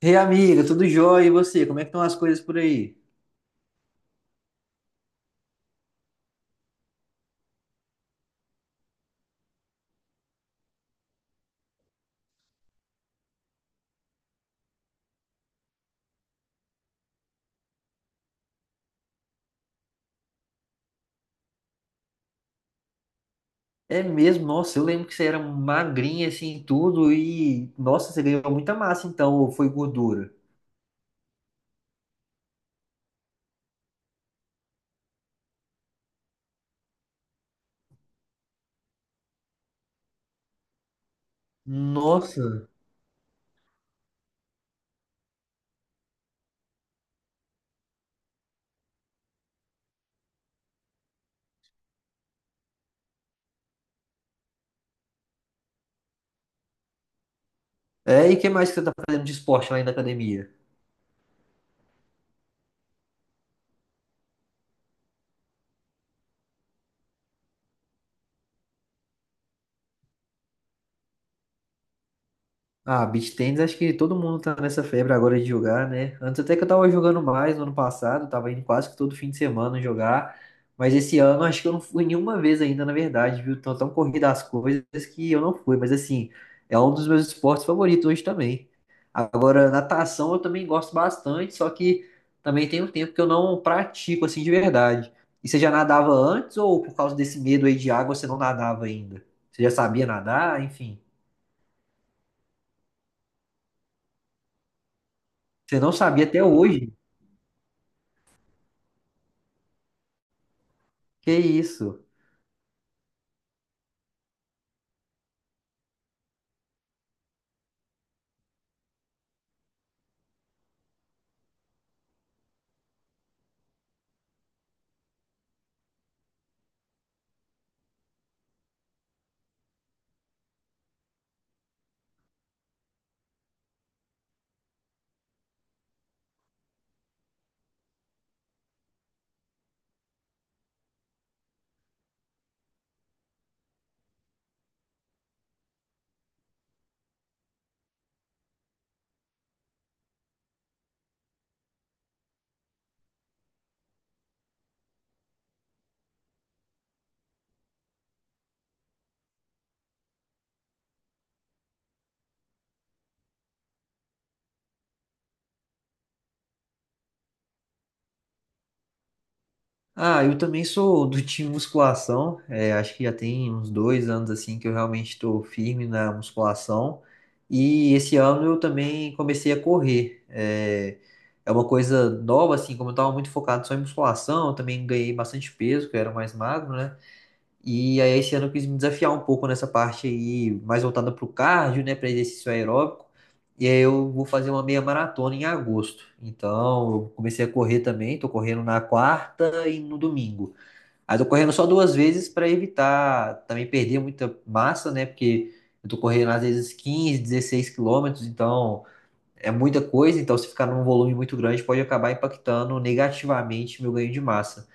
Ei, amiga, tudo jóia? E você? Como é que estão as coisas por aí? É mesmo? Nossa, eu lembro que você era magrinha assim, tudo e nossa, você ganhou muita massa então, ou foi gordura? Nossa. É, e o que mais que você tá fazendo de esporte lá na academia? Ah, beach tennis, acho que todo mundo tá nessa febre agora de jogar, né? Antes até que eu tava jogando mais no ano passado, tava indo quase que todo fim de semana jogar, mas esse ano acho que eu não fui nenhuma vez ainda, na verdade, viu? Tão tão corrida as coisas que eu não fui, mas assim, é um dos meus esportes favoritos hoje também. Agora, natação eu também gosto bastante, só que também tem um tempo que eu não pratico assim de verdade. E você já nadava antes ou por causa desse medo aí de água você não nadava ainda? Você já sabia nadar, enfim. Você não sabia até hoje? Que isso? Ah, eu também sou do time musculação. É, acho que já tem uns 2 anos assim que eu realmente estou firme na musculação. E esse ano eu também comecei a correr. É, é uma coisa nova assim, como eu estava muito focado só em musculação, eu também ganhei bastante peso, que eu era mais magro, né? E aí esse ano eu quis me desafiar um pouco nessa parte aí, mais voltada para o cardio, né, para exercício aeróbico. E aí eu vou fazer uma meia maratona em agosto. Então, eu comecei a correr também, tô correndo na quarta e no domingo. Aí tô correndo só duas vezes para evitar também perder muita massa, né? Porque eu tô correndo às vezes 15, 16 quilômetros, então é muita coisa, então se ficar num volume muito grande pode acabar impactando negativamente meu ganho de massa.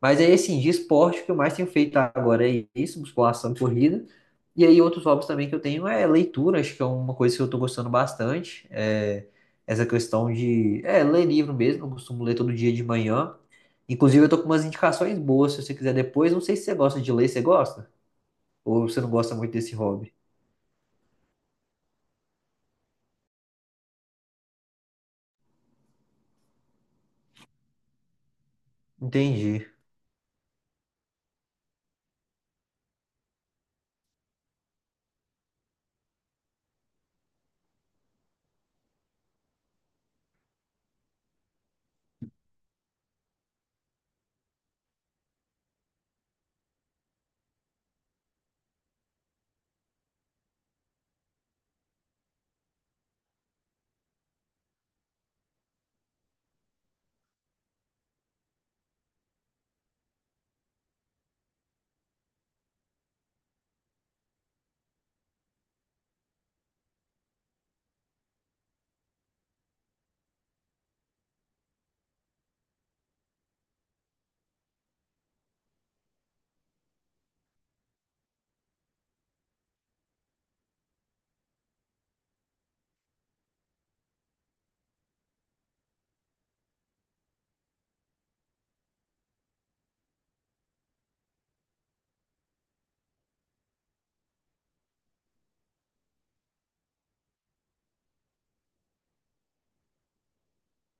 Mas aí, assim, de esporte, o que eu mais tenho feito agora é isso, musculação, e corrida. E aí, outros hobbies também que eu tenho é leitura, acho que é uma coisa que eu tô gostando bastante. É essa questão de, ler livro mesmo, eu costumo ler todo dia de manhã. Inclusive, eu tô com umas indicações boas, se você quiser depois. Não sei se você gosta de ler, você gosta? Ou você não gosta muito desse hobby? Entendi.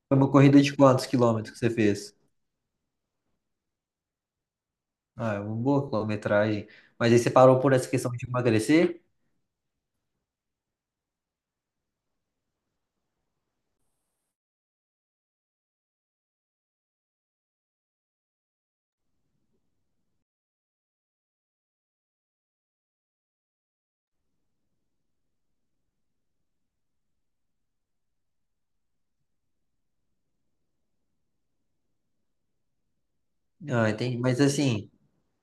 Foi uma corrida de quantos quilômetros que você fez? Ah, é uma boa quilometragem. Mas aí você parou por essa questão de emagrecer? Ah, entendi. Mas assim,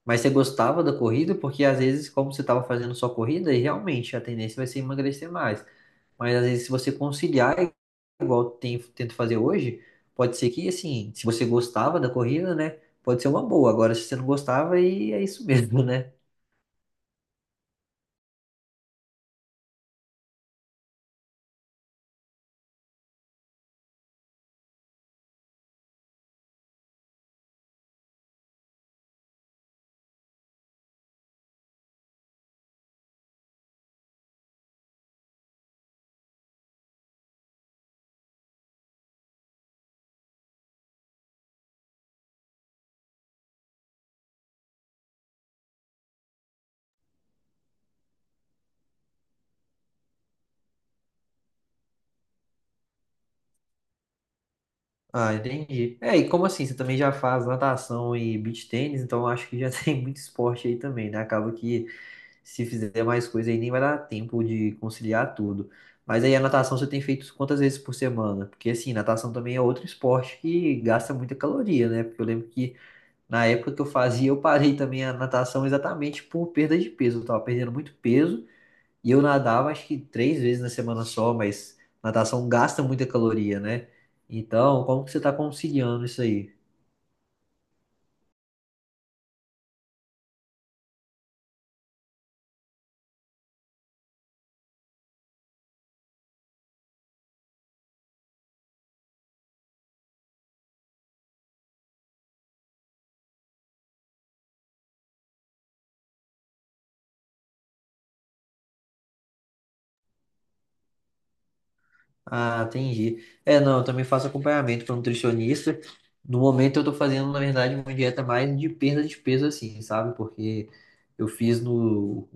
mas você gostava da corrida? Porque às vezes, como você estava fazendo só corrida, aí realmente a tendência vai ser emagrecer mais. Mas às vezes, se você conciliar, igual eu tento fazer hoje, pode ser que, assim, se você gostava da corrida, né? Pode ser uma boa. Agora, se você não gostava, aí é isso mesmo, né? Ah, entendi. É, e como assim? Você também já faz natação e beach tênis, então eu acho que já tem muito esporte aí também, né? Acaba que se fizer mais coisa aí nem vai dar tempo de conciliar tudo. Mas aí a natação você tem feito quantas vezes por semana? Porque assim, natação também é outro esporte que gasta muita caloria, né? Porque eu lembro que na época que eu fazia, eu parei também a natação exatamente por perda de peso. Eu tava perdendo muito peso e eu nadava acho que três vezes na semana só, mas natação gasta muita caloria, né? Então, como que você tá conciliando isso aí? Ah, entendi. É, não, eu também faço acompanhamento com nutricionista. No momento eu tô fazendo, na verdade, uma dieta mais de perda de peso, assim, sabe? Porque eu fiz no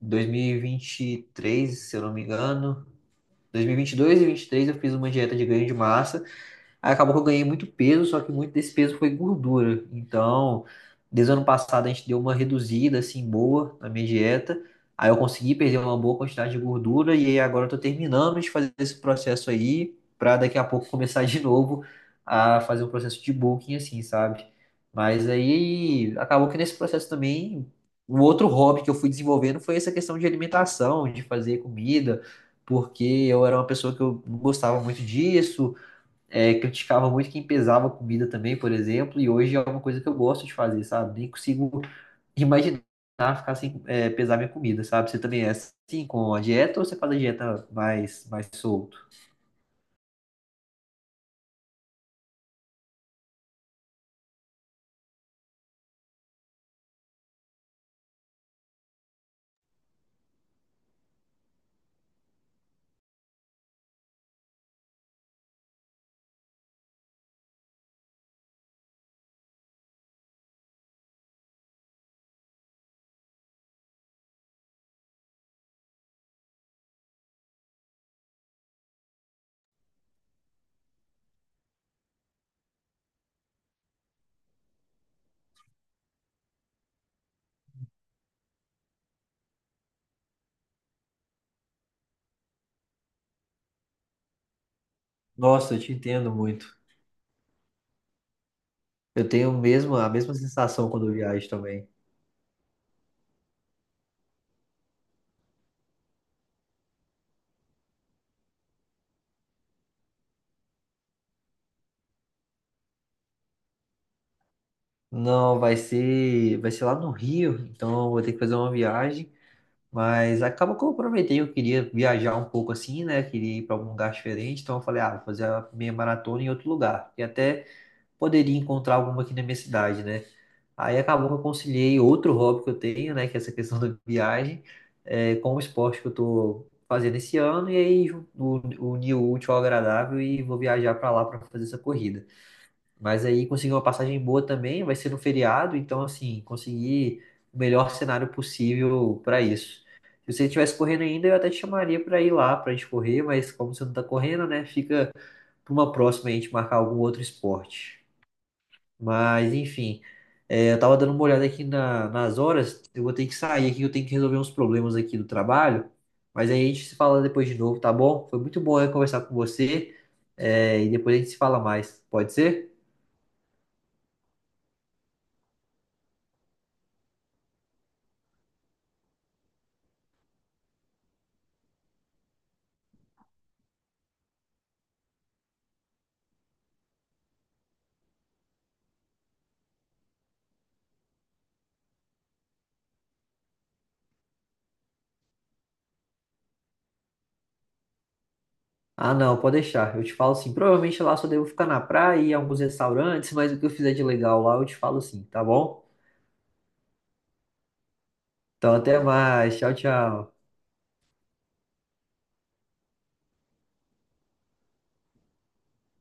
2023, se eu não me engano, 2022 e 2023 eu fiz uma dieta de ganho de massa. Aí acabou que eu ganhei muito peso, só que muito desse peso foi gordura. Então, desde o ano passado a gente deu uma reduzida assim boa na minha dieta. Aí eu consegui perder uma boa quantidade de gordura e aí agora eu tô terminando de fazer esse processo aí pra daqui a pouco começar de novo a fazer um processo de bulking assim, sabe? Mas aí acabou que nesse processo também o outro hobby que eu fui desenvolvendo foi essa questão de alimentação, de fazer comida, porque eu era uma pessoa que eu não gostava muito disso. É, criticava muito quem pesava comida também, por exemplo, e hoje é uma coisa que eu gosto de fazer, sabe? Nem consigo imaginar ficar sem pesar minha comida, sabe? Você também é assim com a dieta ou você faz a dieta mais solto? Nossa, eu te entendo muito. Eu tenho mesmo a mesma sensação quando eu viajo também. Não, vai ser lá no Rio, então eu vou ter que fazer uma viagem, mas acaba que eu aproveitei, eu queria viajar um pouco assim, né? Queria ir para algum lugar diferente, então eu falei, ah, vou fazer a minha maratona em outro lugar. E até poderia encontrar alguma aqui na minha cidade, né? Aí acabou que eu conciliei outro hobby que eu tenho, né, que é essa questão da viagem, com o esporte que eu tô fazendo esse ano, e aí uni o útil ao agradável e vou viajar para lá para fazer essa corrida. Mas aí consegui uma passagem boa também, vai ser no feriado, então assim, consegui o melhor cenário possível para isso. Se você estivesse correndo ainda, eu até te chamaria para ir lá para a gente correr, mas como você não tá correndo, né, fica para uma próxima a gente marcar algum outro esporte. Mas, enfim, é, eu tava dando uma olhada aqui nas horas. Eu vou ter que sair aqui, eu tenho que resolver uns problemas aqui do trabalho. Mas aí a gente se fala depois de novo, tá bom? Foi muito bom eu conversar com você. É, e depois a gente se fala mais. Pode ser? Ah, não, pode deixar. Eu te falo sim. Provavelmente lá só devo ficar na praia e em alguns restaurantes, mas o que eu fizer de legal lá eu te falo sim, tá bom? Então até mais. Tchau, tchau.